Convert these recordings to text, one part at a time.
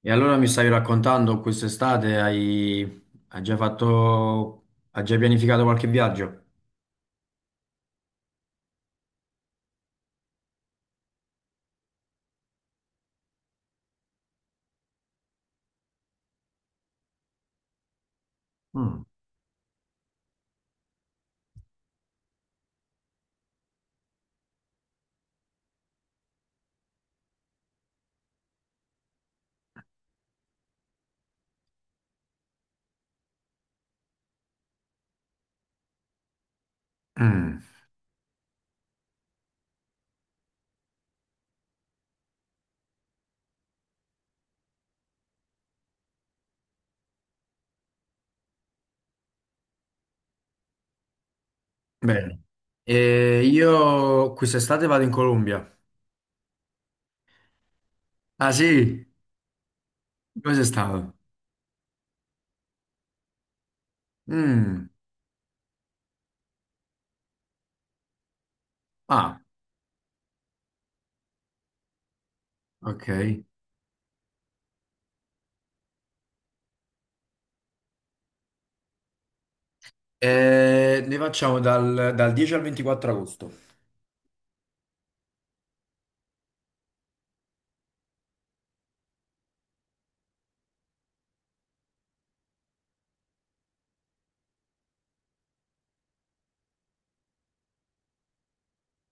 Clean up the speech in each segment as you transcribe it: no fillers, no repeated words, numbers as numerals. E allora mi stavi raccontando, quest'estate hai già fatto, hai già pianificato qualche viaggio? Mm. Mm. Bene. E io quest'estate vado in Colombia. Ah, sì? Dove sei stato? Mm. Ah, ok. E ne facciamo dal 10 al 24 agosto.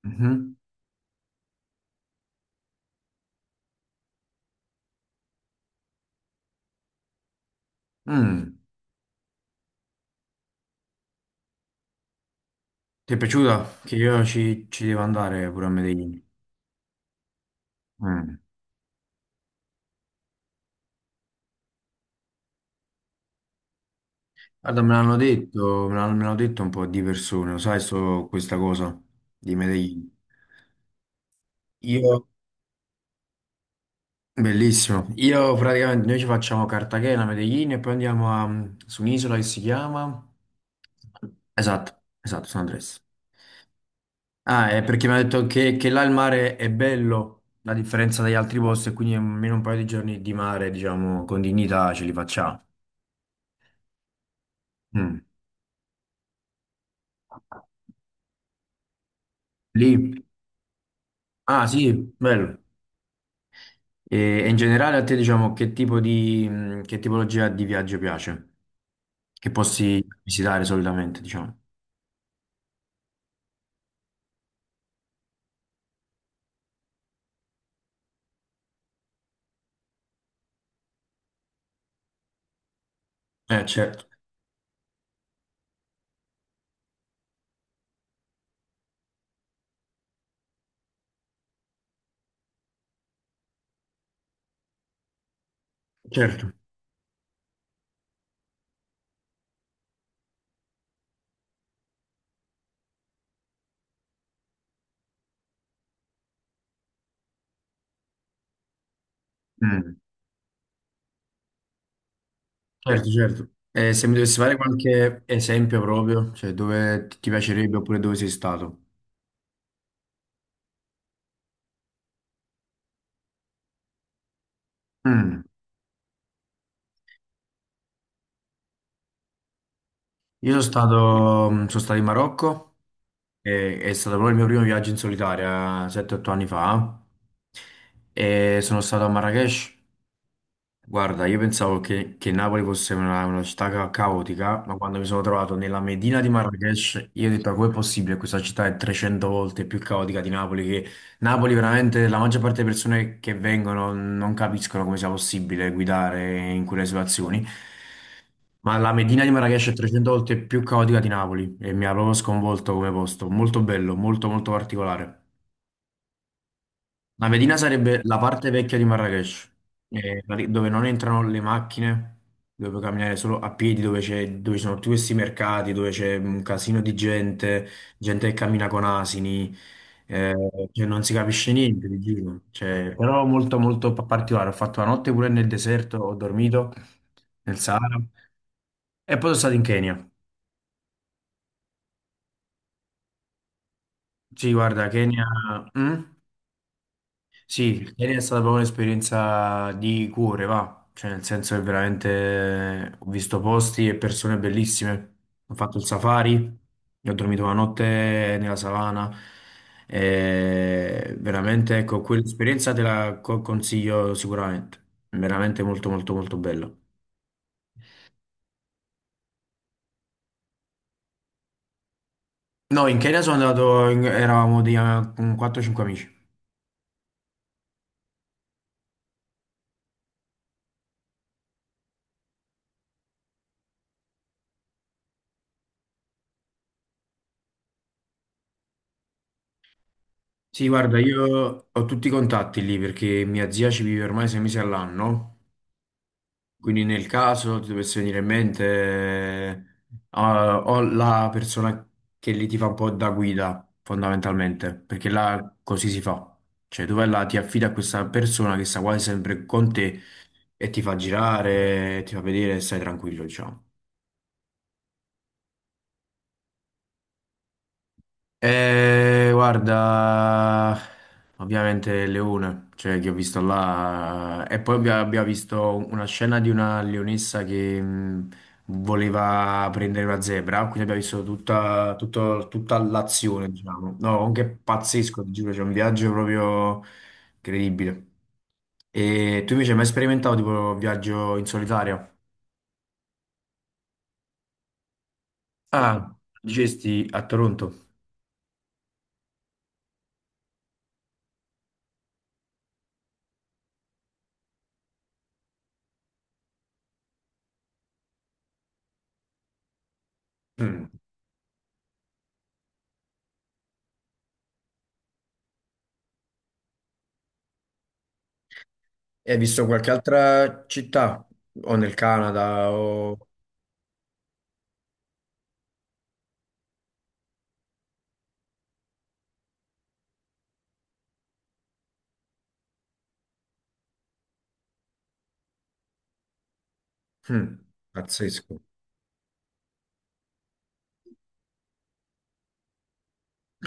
Mhm. Mm. Ti è piaciuta? Che io ci devo andare pure a Medellin. Mm. Guarda, me l'hanno detto, me l'hanno detto un po' di persone, lo sai, so questa cosa di Medellin. Io, bellissimo, io praticamente noi ci facciamo Cartagena, Medellin e poi andiamo su un'isola che si chiama... Esatto, esatto, San Andres. Ah, è perché mi ha detto che là il mare è bello, a differenza dagli altri posti, e quindi almeno un paio di giorni di mare, diciamo, con dignità ce li facciamo. Mm. Lì? Ah, sì, bello. E, e in generale a te, diciamo, che tipologia di viaggio piace? Che posti visitare solitamente, diciamo? Certo, certo. Mm, certo, certo. E se mi dovessi fare qualche esempio proprio, cioè dove ti piacerebbe oppure dove sei stato? Mm. Io sono stato in Marocco, è stato proprio il mio primo viaggio in solitaria, 7-8 anni fa, e sono stato a Marrakech. Guarda, io pensavo che Napoli fosse una città caotica, ma quando mi sono trovato nella Medina di Marrakesh, io ho detto, "Ma com'è possibile? Questa città è 300 volte più caotica di Napoli, che Napoli veramente la maggior parte delle persone che vengono non capiscono come sia possibile guidare in quelle situazioni. Ma la Medina di Marrakesh è 300 volte più caotica di Napoli e mi ha proprio sconvolto come posto. Molto bello, molto molto particolare." La Medina sarebbe la parte vecchia di Marrakesh, dove non entrano le macchine, dove puoi camminare solo a piedi, dove ci sono tutti questi mercati, dove c'è un casino di gente, gente che cammina con asini, eh, cioè non si capisce niente di giro. Cioè, però molto molto particolare. Ho fatto la notte pure nel deserto, ho dormito nel Sahara e poi sono stato in Kenya. Sì, guarda, Kenya. Mm? Sì, ieri è stata proprio un'esperienza di cuore, va, cioè nel senso che veramente ho visto posti e persone bellissime, ho fatto il safari, ho dormito la notte nella savana, e veramente ecco, quell'esperienza te la consiglio sicuramente, veramente molto molto molto bella. No, in Kenya sono andato, eravamo con 4-5 amici. Sì, guarda, io ho tutti i contatti lì perché mia zia ci vive ormai 6 mesi all'anno. Quindi nel caso ti dovesse venire in mente, o la persona che lì ti fa un po' da guida, fondamentalmente, perché là così si fa. Cioè tu vai là, ti affidi a questa persona che sta quasi sempre con te e ti fa girare, ti fa vedere e stai tranquillo, diciamo. Guarda, ovviamente Leone, cioè che ho visto là, e poi abbiamo visto una scena di una leonessa che voleva prendere una zebra, quindi abbiamo visto tutta l'azione, diciamo. No, anche pazzesco, ti giuro, c'è un viaggio proprio incredibile. E tu invece hai mai sperimentato tipo un viaggio in solitario? Ah, dicesti a Toronto. Mm. Hai visto qualche altra città? O nel Canada? O... Mm. Pazzesco,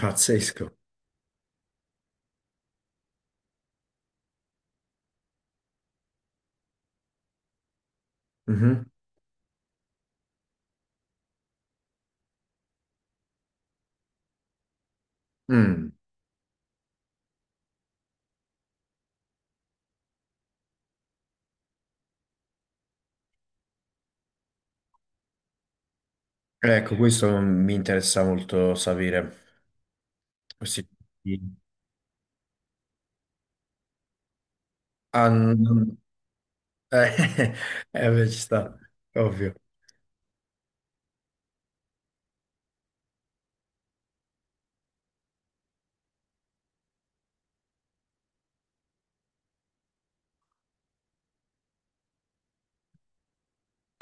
pazzesco. Mhm. Mm. Ecco, questo mi interessa molto sapere. Questi... Ah, eh, beh, ci sta, ovvio.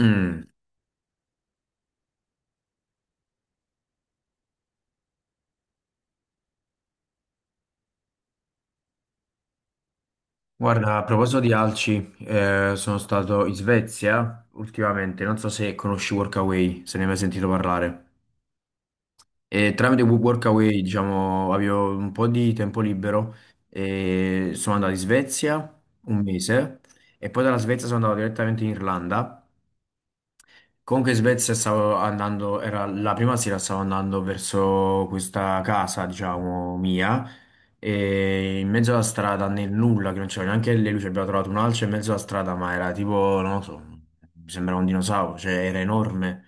Mm. Guarda, a proposito di alci, sono stato in Svezia ultimamente, non so se conosci Workaway, se ne hai mai sentito parlare. E tramite Workaway, diciamo, avevo un po' di tempo libero e sono andato in Svezia un mese e poi dalla Svezia sono andato direttamente in Irlanda. Comunque in Svezia stavo andando, era la prima sera stavo andando verso questa casa, diciamo, mia, e in mezzo alla strada nel nulla, che non c'era neanche le luci, abbiamo trovato un alce in mezzo alla strada, ma era tipo, non lo so, mi sembrava un dinosauro, cioè era enorme,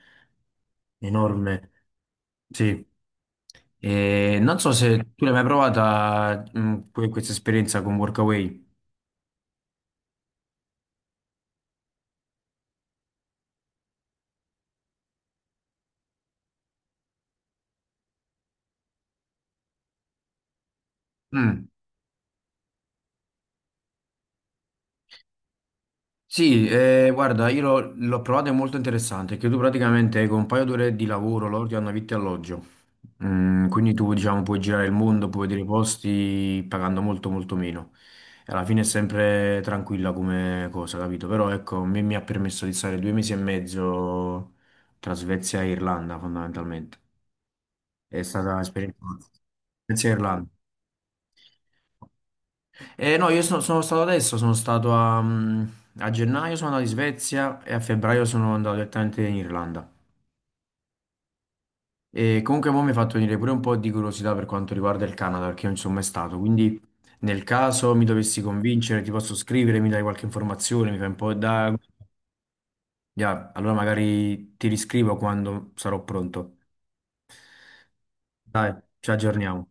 enorme, sì. E non so se tu l'hai mai provata, questa esperienza con Workaway. Mm. Sì, guarda, io l'ho provata, è molto interessante, che tu praticamente con un paio d'ore di lavoro loro ti danno vitto e alloggio. Mm, quindi tu, diciamo, puoi girare il mondo, puoi vedere i posti pagando molto molto meno. E alla fine è sempre tranquilla come cosa, capito? Però ecco, mi ha permesso di stare 2 mesi e mezzo tra Svezia e Irlanda, fondamentalmente. È stata un'esperienza... Svezia e Irlanda. No, io sono stato adesso, sono stato a gennaio, sono andato in Svezia e a febbraio sono andato direttamente in Irlanda. E comunque mo mi ha fatto venire pure un po' di curiosità per quanto riguarda il Canada, perché io non ci sono mai stato, quindi nel caso mi dovessi convincere, ti posso scrivere, mi dai qualche informazione, mi fai un po' da... Ya, allora magari ti riscrivo quando sarò pronto. Dai, ci aggiorniamo.